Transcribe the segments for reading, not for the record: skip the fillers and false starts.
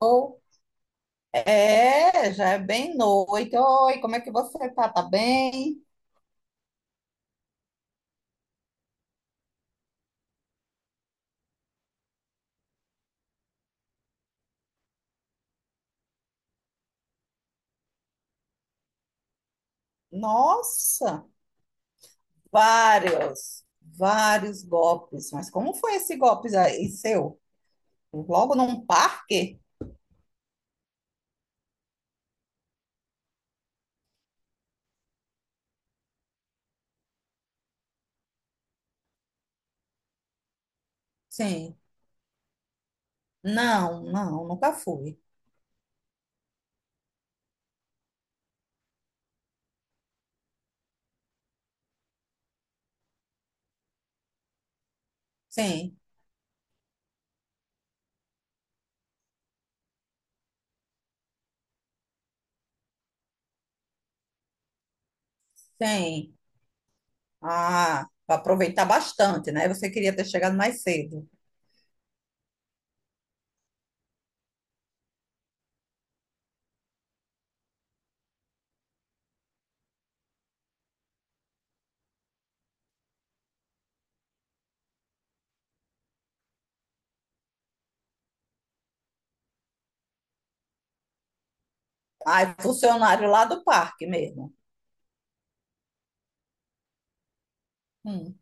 Ou é, já é bem noite. Oi, como é que você tá? Tá bem? Nossa, vários golpes. Mas como foi esse golpe aí seu? Logo num parque? Sim. Não, Nunca fui. Sim, sim. Ah, para aproveitar bastante, né? Você queria ter chegado mais cedo. Ai, funcionário lá do parque mesmo. Hum,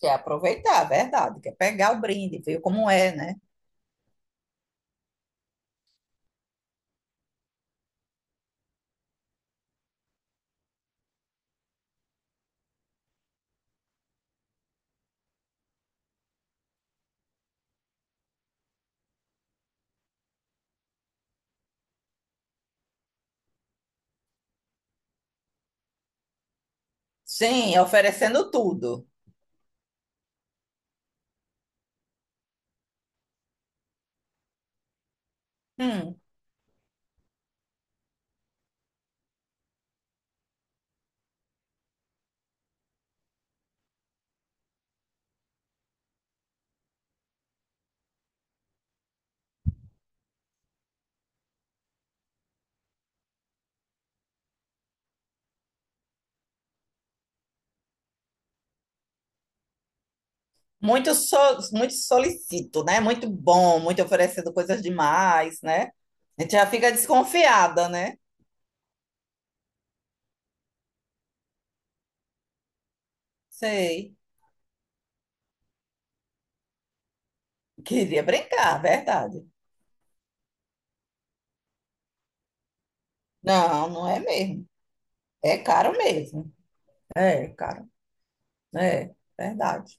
quer aproveitar, é verdade. Quer pegar o brinde, viu como é, né? Sim, oferecendo tudo. Hum, muito, so, muito solicito, né? Muito bom, muito oferecendo coisas demais, né? A gente já fica desconfiada, né? Sei. Queria brincar, verdade. Não, não é mesmo. É caro mesmo. É caro. É, verdade.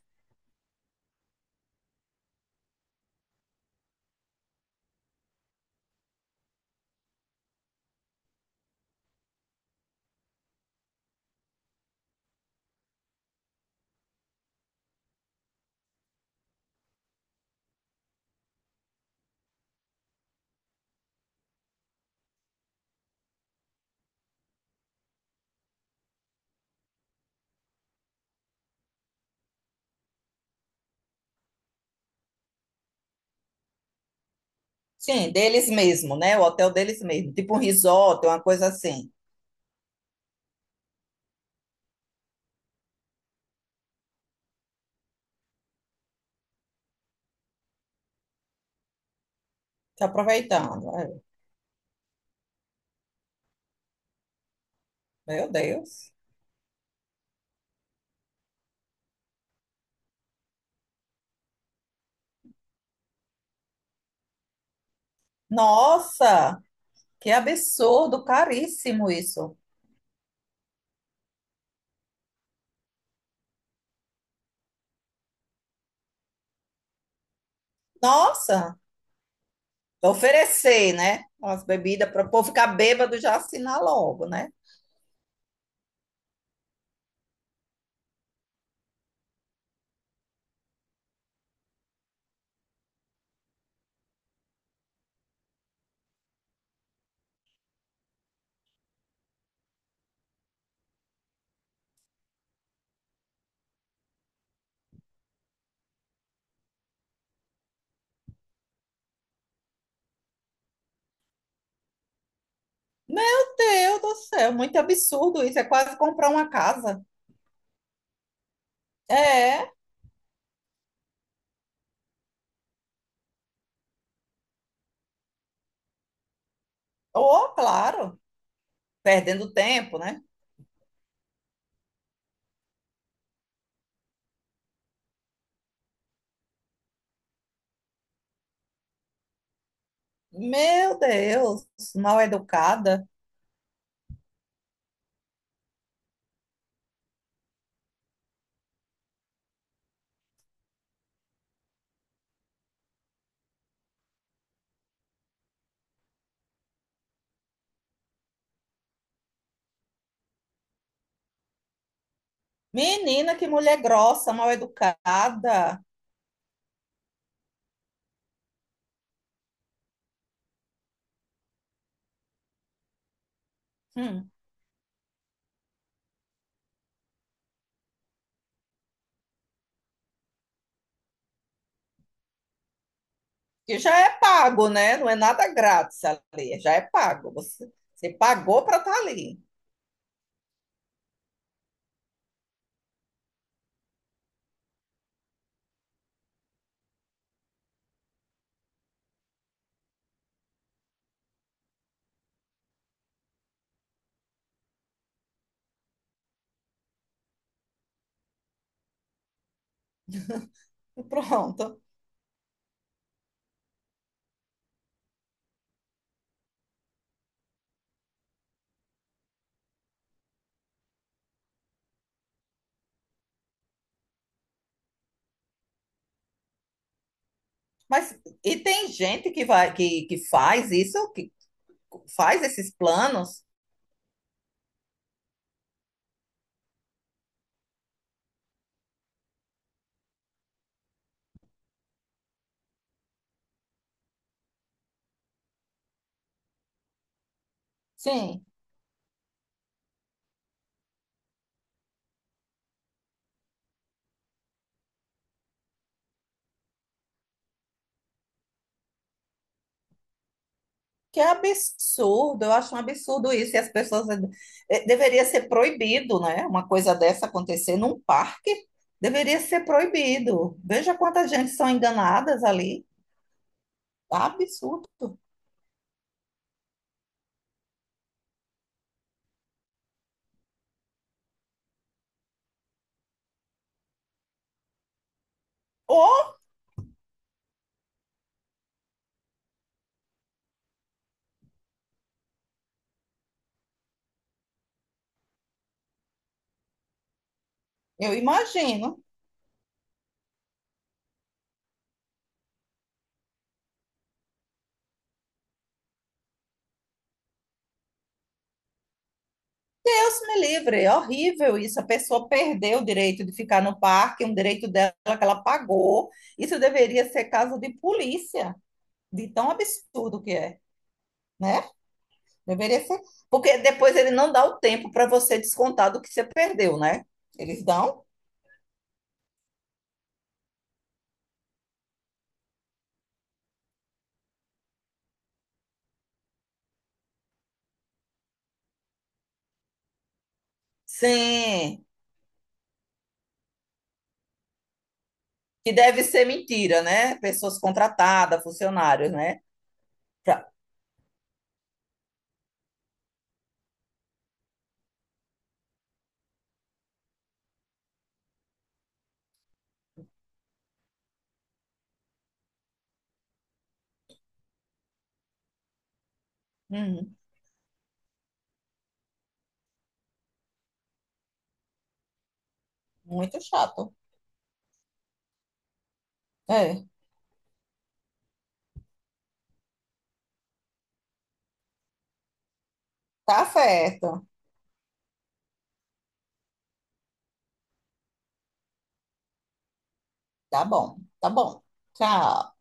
Sim, deles mesmo, né? O hotel deles mesmo. Tipo um resort, uma coisa assim. Se aproveitando. Ai, meu Deus. Nossa, que absurdo, caríssimo isso. Nossa, oferecer, né? As bebidas para o povo ficar bêbado já assinar logo, né? Meu Deus do céu, muito absurdo isso. É quase comprar uma casa. É, oh, claro, perdendo tempo, né? Meu Deus, mal educada. Menina, que mulher grossa, mal educada. Hum. Que já é pago, né? Não é nada grátis ali, já é pago. Você pagou para estar ali. E pronto. Mas e tem gente que vai que faz isso, que faz esses planos? Sim. Que é absurdo, eu acho um absurdo isso. E as pessoas. Deveria ser proibido, né? Uma coisa dessa acontecer num parque deveria ser proibido. Veja quantas gente são enganadas ali. Absurdo. Ou, eu imagino, Deus me livre, é horrível isso. A pessoa perdeu o direito de ficar no parque, um direito dela que ela pagou. Isso deveria ser caso de polícia, de tão absurdo que é, né? Deveria ser. Porque depois ele não dá o tempo para você descontar do que você perdeu, né? Eles dão? Sim, que deve ser mentira, né? Pessoas contratadas, funcionários, né? Pra- Uhum, muito chato. É, tá certo. Tá bom, tá bom. Tchau.